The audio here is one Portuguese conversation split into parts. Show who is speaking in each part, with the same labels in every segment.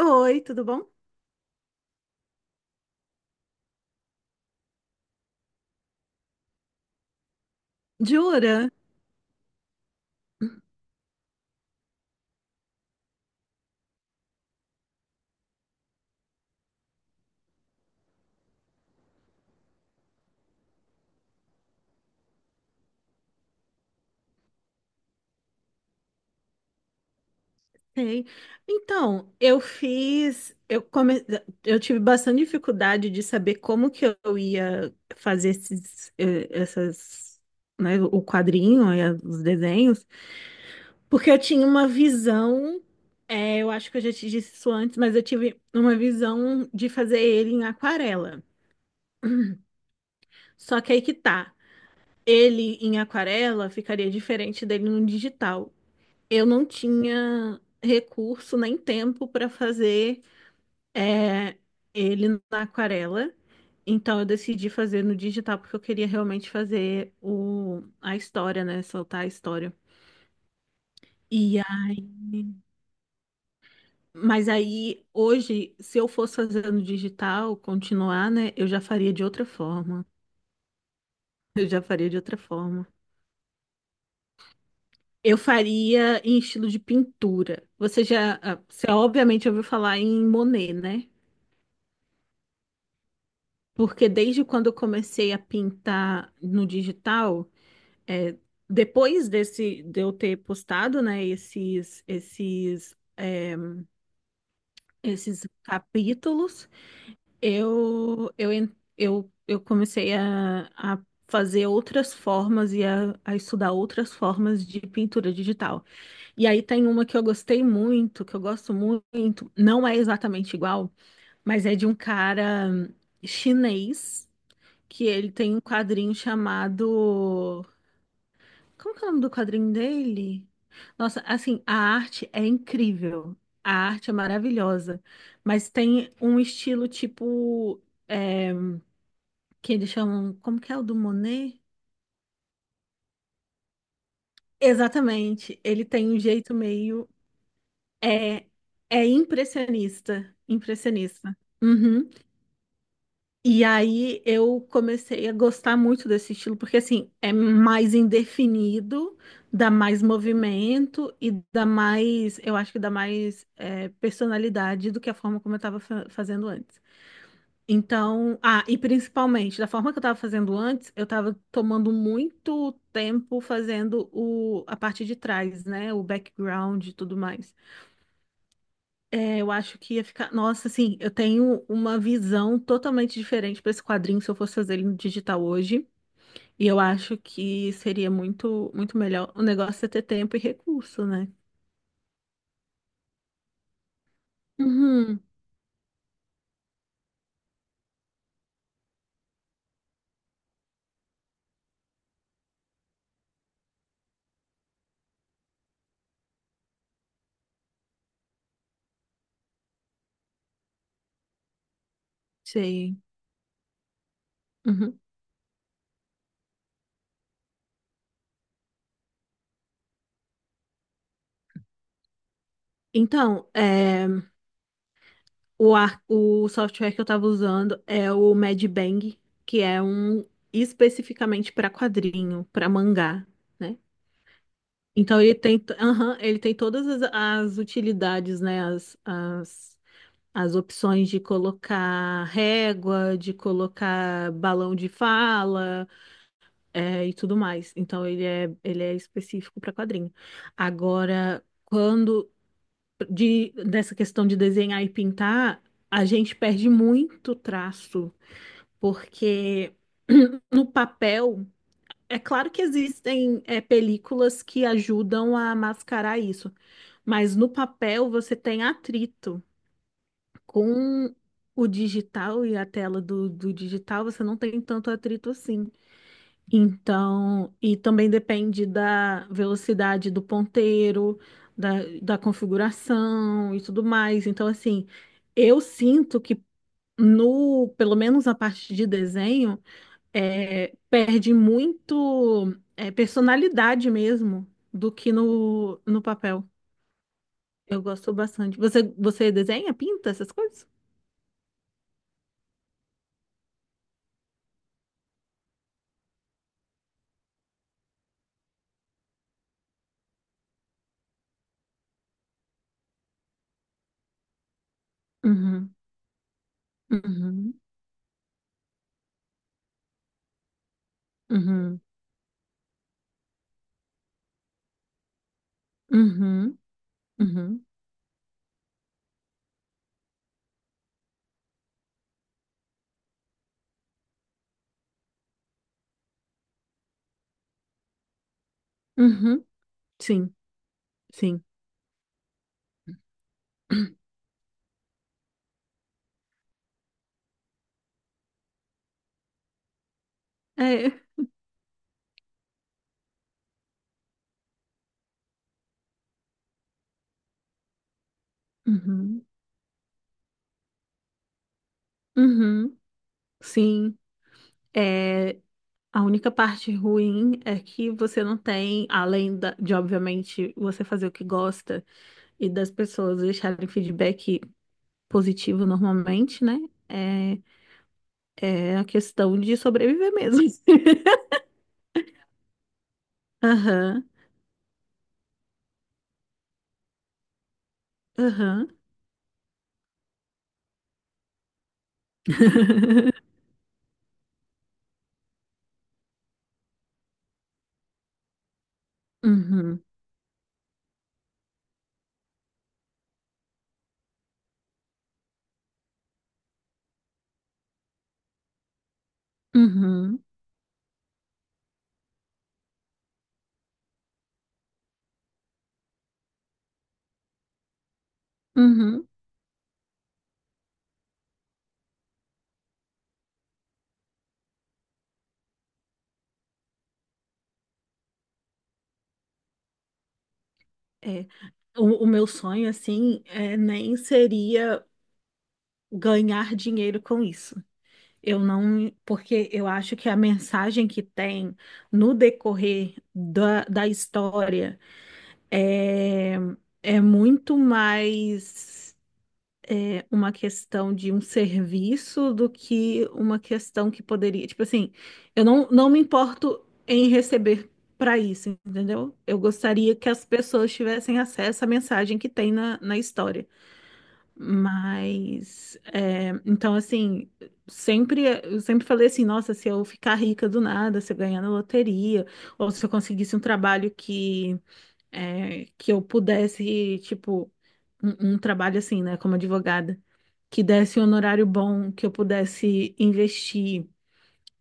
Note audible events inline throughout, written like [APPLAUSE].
Speaker 1: Oi, tudo bom? Jura? Sei. Então, eu fiz, eu come... eu tive bastante dificuldade de saber como que eu ia fazer né, o quadrinho e os desenhos, porque eu tinha uma visão, eu acho que eu já te disse isso antes, mas eu tive uma visão de fazer ele em aquarela. Só que aí que tá, ele em aquarela ficaria diferente dele no digital. Eu não tinha recurso nem tempo para fazer é, ele na aquarela. Então eu decidi fazer no digital porque eu queria realmente fazer a história, né? Soltar a história. E aí, mas aí hoje, se eu fosse fazer no digital, continuar, né? Eu já faria de outra forma. Eu já faria de outra forma. Eu faria em estilo de pintura. Você já, ah, você obviamente ouviu falar em Monet, né? Porque desde quando eu comecei a pintar no digital, é, depois desse de eu ter postado, né, esses capítulos, eu eu en- eu comecei a fazer outras formas e a estudar outras formas de pintura digital. E aí tem uma que eu gostei muito, que eu gosto muito, não é exatamente igual, mas é de um cara chinês que ele tem um quadrinho chamado. Como que é o nome do quadrinho dele? Nossa, assim, a arte é incrível. A arte é maravilhosa. Mas tem um estilo tipo. é, que eles chamam. Como que é o do Monet? Exatamente. Ele tem um jeito meio. É, é impressionista. Impressionista. Uhum. E aí eu comecei a gostar muito desse estilo, porque assim, é mais indefinido, dá mais movimento e dá mais, eu acho que dá mais personalidade do que a forma como eu estava fazendo antes. Então, ah, e principalmente, da forma que eu estava fazendo antes, eu estava tomando muito tempo fazendo a parte de trás, né? O background e tudo mais. É, eu acho que ia ficar. Nossa, assim, eu tenho uma visão totalmente diferente para esse quadrinho se eu fosse fazer ele no digital hoje. E eu acho que seria muito, muito melhor. O negócio é ter tempo e recurso, né? Uhum, sei. Uhum. Então, é, o software que eu estava usando é o Medbang, que é um especificamente para quadrinho, para mangá, né? Então ele tem, aham, ele tem todas as utilidades, né? As as opções de colocar régua, de colocar balão de fala, é, e tudo mais. Então ele é específico para quadrinho. Agora, quando dessa questão de desenhar e pintar, a gente perde muito traço, porque [CLEARS THROAT] no papel é claro que existem é, películas que ajudam a mascarar isso, mas no papel você tem atrito com o digital e a tela do digital, você não tem tanto atrito assim. Então, e também depende da velocidade do ponteiro, da, da configuração e tudo mais. Então, assim, eu sinto que no, pelo menos na parte de desenho, perde muito, é, personalidade mesmo do que no papel. Eu gosto bastante. Você desenha, pinta essas coisas? Uhum, uhum. Uhum, uhum, uhum, uhum, sim, sim, é, uhum, uhum, sim, é, a única parte ruim é que você não tem, obviamente, você fazer o que gosta e das pessoas deixarem feedback positivo normalmente, né, é, é a questão de sobreviver mesmo. [LAUGHS] Aham, aham, [LAUGHS] uhum, uhum, uhum. É, o meu sonho, assim, é, nem seria ganhar dinheiro com isso. Eu não, porque eu acho que a mensagem que tem no decorrer da história é, é muito mais é, uma questão de um serviço do que uma questão que poderia. Tipo assim, eu não, não me importo em receber para isso, entendeu? Eu gostaria que as pessoas tivessem acesso à mensagem que tem na história. Mas, é, então, assim, sempre, eu sempre falei assim: nossa, se eu ficar rica do nada, se eu ganhar na loteria, ou se eu conseguisse um trabalho que, é, que eu pudesse, tipo, um trabalho assim, né, como advogada que desse um honorário bom, que eu pudesse investir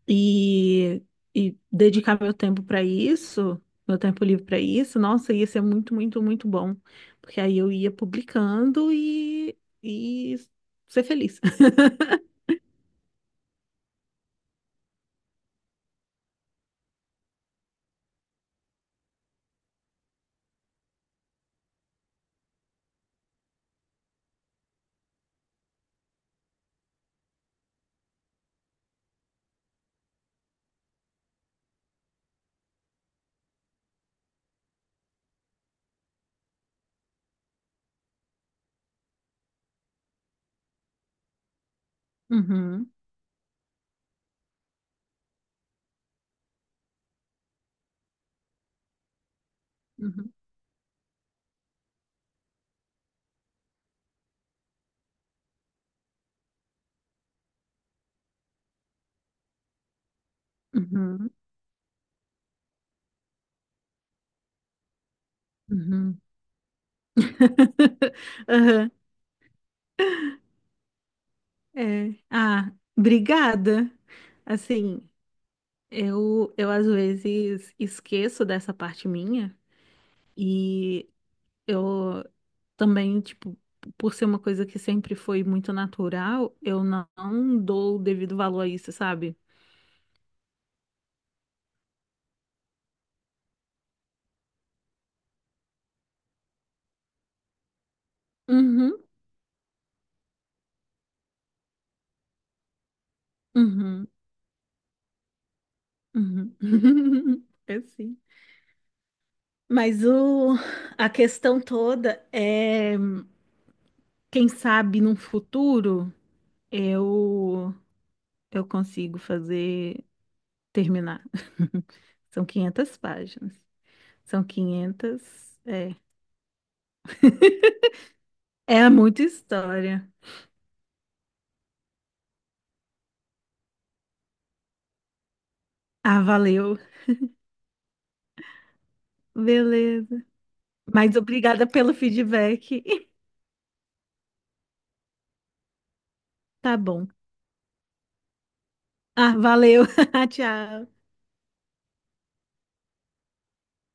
Speaker 1: e, e dedicar meu tempo para isso, meu tempo livre para isso, nossa, ia ser muito, muito, muito bom. Porque aí eu ia publicando e ser feliz. [LAUGHS] Uhum, uhum, uhum, uhum. [LAUGHS] Aham, é. Ah, obrigada. Assim, eu às vezes esqueço dessa parte minha e eu também, tipo, por ser uma coisa que sempre foi muito natural, eu não dou o devido valor a isso, sabe? Uhum, uhum, uhum. [LAUGHS] É sim. Mas a questão toda é, quem sabe num futuro eu eu consigo fazer terminar. [LAUGHS] São 500 páginas. São 500 é. É muita história. Ah, valeu. Beleza. Mas obrigada pelo feedback. [LAUGHS] Tá bom. Ah, valeu. [LAUGHS] Tchau.